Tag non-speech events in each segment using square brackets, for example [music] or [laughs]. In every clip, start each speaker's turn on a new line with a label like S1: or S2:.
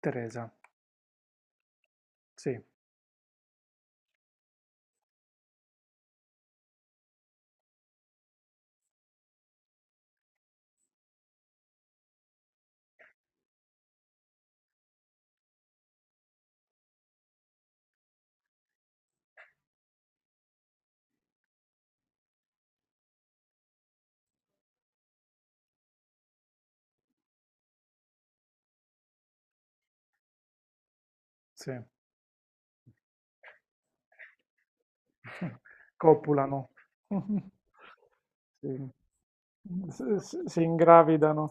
S1: Teresa, sì, sì, copulano, [laughs] sì, s s si ingravidano,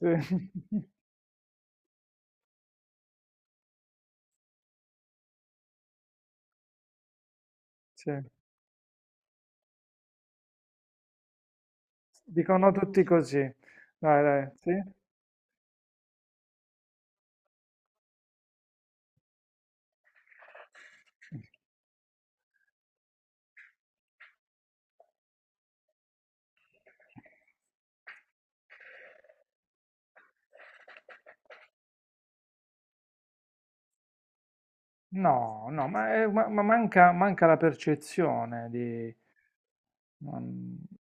S1: sì, [laughs] sì, dicono tutti così, dai, dai, sì? No, no, ma, ma manca la percezione di.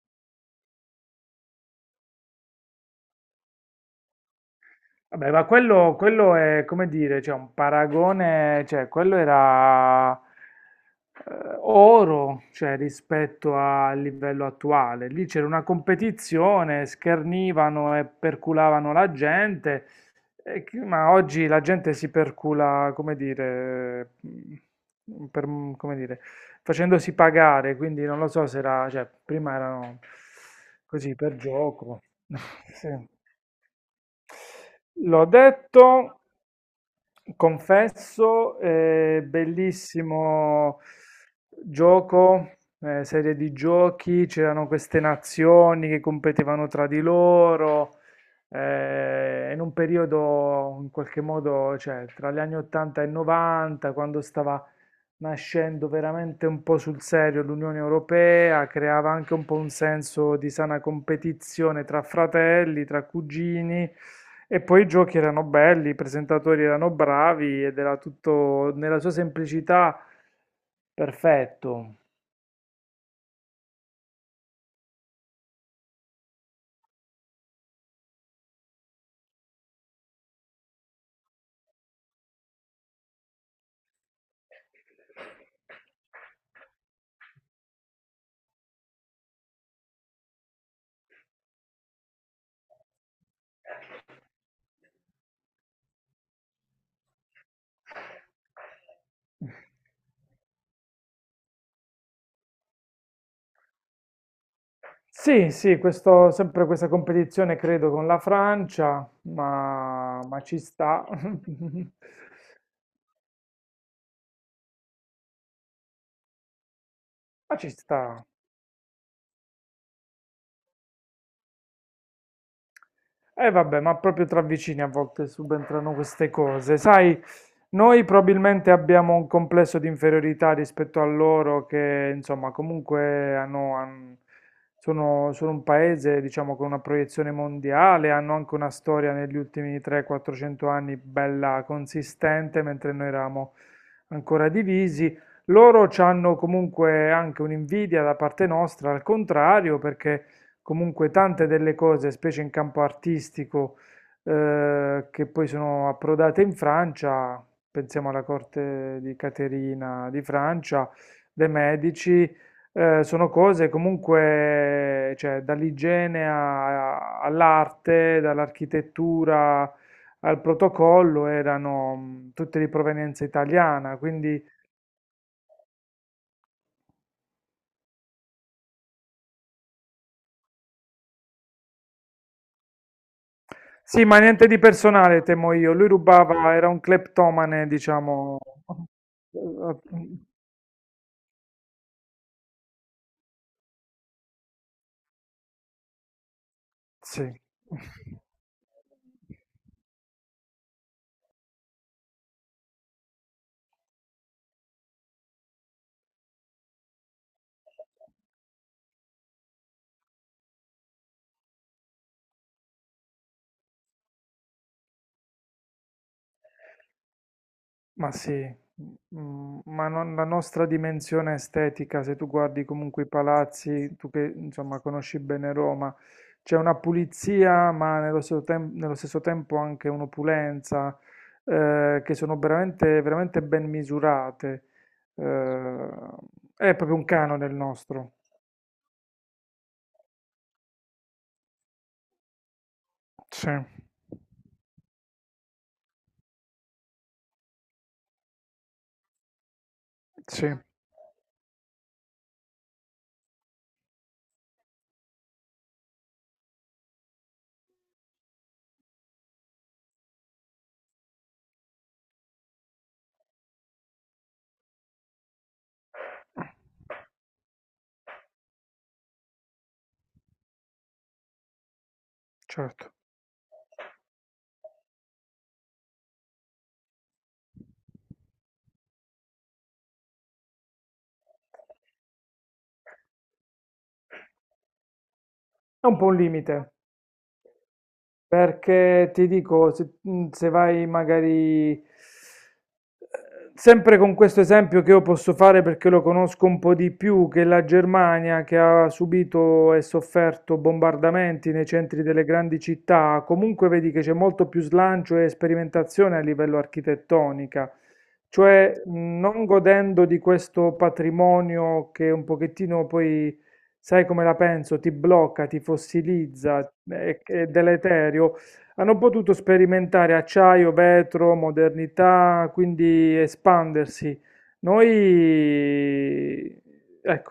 S1: Vabbè, ma quello è come dire, cioè un paragone, cioè quello era oro, cioè rispetto al livello attuale. Lì c'era una competizione, schernivano e perculavano la gente, ma oggi la gente si percula, come dire, come dire, facendosi pagare, quindi non lo so se era, cioè prima erano così per gioco. [laughs] Sì. L'ho detto. Confesso, bellissimo gioco, serie di giochi, c'erano queste nazioni che competevano tra di loro, in un periodo in qualche modo, cioè tra gli anni 80 e 90, quando stava nascendo veramente un po' sul serio l'Unione Europea, creava anche un po' un senso di sana competizione tra fratelli, tra cugini e poi i giochi erano belli, i presentatori erano bravi ed era tutto nella sua semplicità perfetto. Sì, sì, questo, sempre questa competizione credo con la Francia, ma ci sta. [laughs] Ma ci sta. E vabbè, ma proprio tra vicini a volte subentrano queste cose. Sai, noi probabilmente abbiamo un complesso di inferiorità rispetto a loro che, insomma, comunque sono un paese, diciamo, con una proiezione mondiale, hanno anche una storia negli ultimi 300-400 anni bella consistente, mentre noi eravamo ancora divisi. Loro hanno comunque anche un'invidia da parte nostra, al contrario, perché. Comunque tante delle cose, specie in campo artistico, che poi sono approdate in Francia, pensiamo alla corte di Caterina di Francia, dei Medici, sono cose comunque, cioè, dall'igiene all'arte, dall'architettura al protocollo, erano tutte di provenienza italiana, quindi. Sì, ma niente di personale, temo io. Lui rubava, era un cleptomane, diciamo. Sì. Ma sì, la nostra dimensione estetica, se tu guardi comunque i palazzi, tu che insomma conosci bene Roma, c'è una pulizia, ma nello stesso tempo anche un'opulenza, che sono veramente, veramente ben misurate. Eh, è proprio un canone il nostro. Sì, sì, certo. È un po' un limite, perché ti dico, se vai magari, sempre con questo esempio che io posso fare perché lo conosco un po' di più, che la Germania che ha subito e sofferto bombardamenti nei centri delle grandi città, comunque vedi che c'è molto più slancio e sperimentazione a livello architettonica, cioè non godendo di questo patrimonio che un pochettino poi sai come la penso, ti blocca, ti fossilizza, è deleterio. Hanno potuto sperimentare acciaio, vetro, modernità, quindi espandersi. Noi, ecco,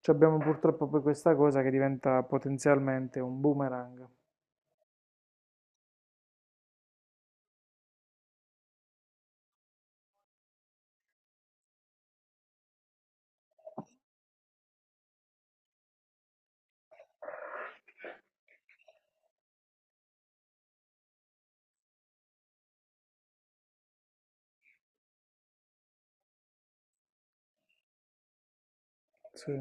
S1: ci abbiamo purtroppo poi questa cosa che diventa potenzialmente un boomerang. Sì.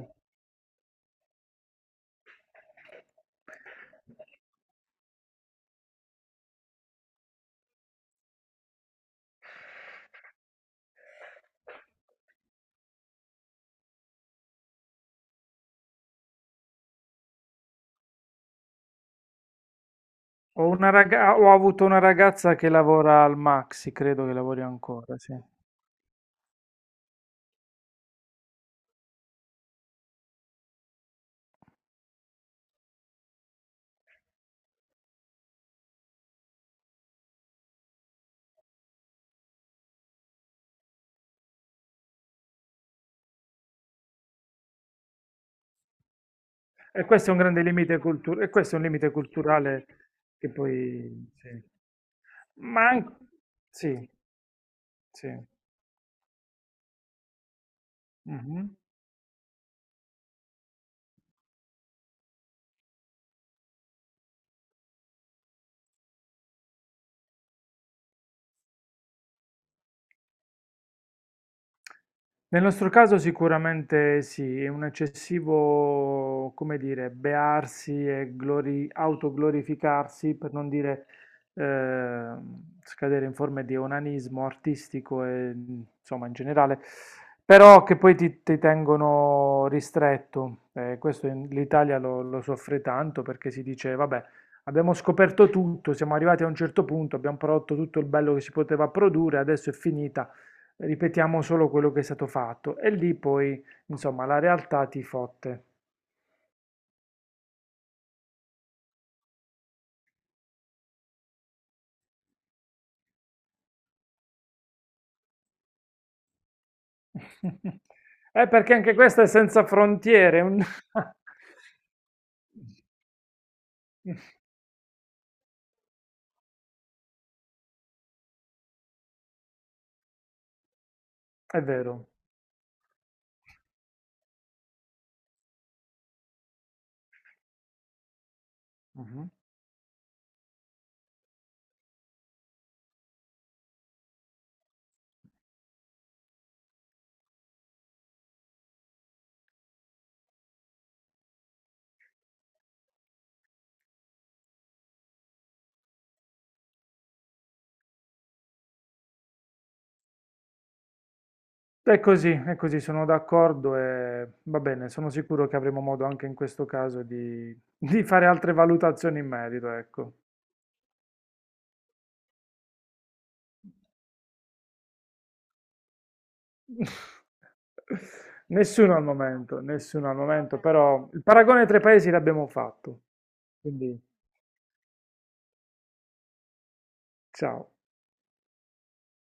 S1: Ho ho avuto una ragazza che lavora al Maxi, credo che lavori ancora, sì. E questo è un grande limite culturale, e questo è un limite culturale che poi. Sì. Ma an sì, sì. Mh-mh. Nel nostro caso sicuramente sì, è un eccessivo, come dire, bearsi e autoglorificarsi, per non dire eh, scadere in forme di onanismo artistico e insomma in generale, però che poi ti tengono ristretto. l'Italia lo soffre tanto perché si dice, vabbè, abbiamo scoperto tutto, siamo arrivati a un certo punto, abbiamo prodotto tutto il bello che si poteva produrre, adesso è finita. Ripetiamo solo quello che è stato fatto e lì poi, insomma, la realtà ti fotte. [laughs] Perché anche questo è senza frontiere. [laughs] È vero. Mhm. È così, sono d'accordo e va bene, sono sicuro che avremo modo anche in questo caso di fare altre valutazioni in merito, ecco. [laughs] Nessuno al momento, nessuno al momento, però il paragone tra i paesi l'abbiamo fatto. Quindi, ciao.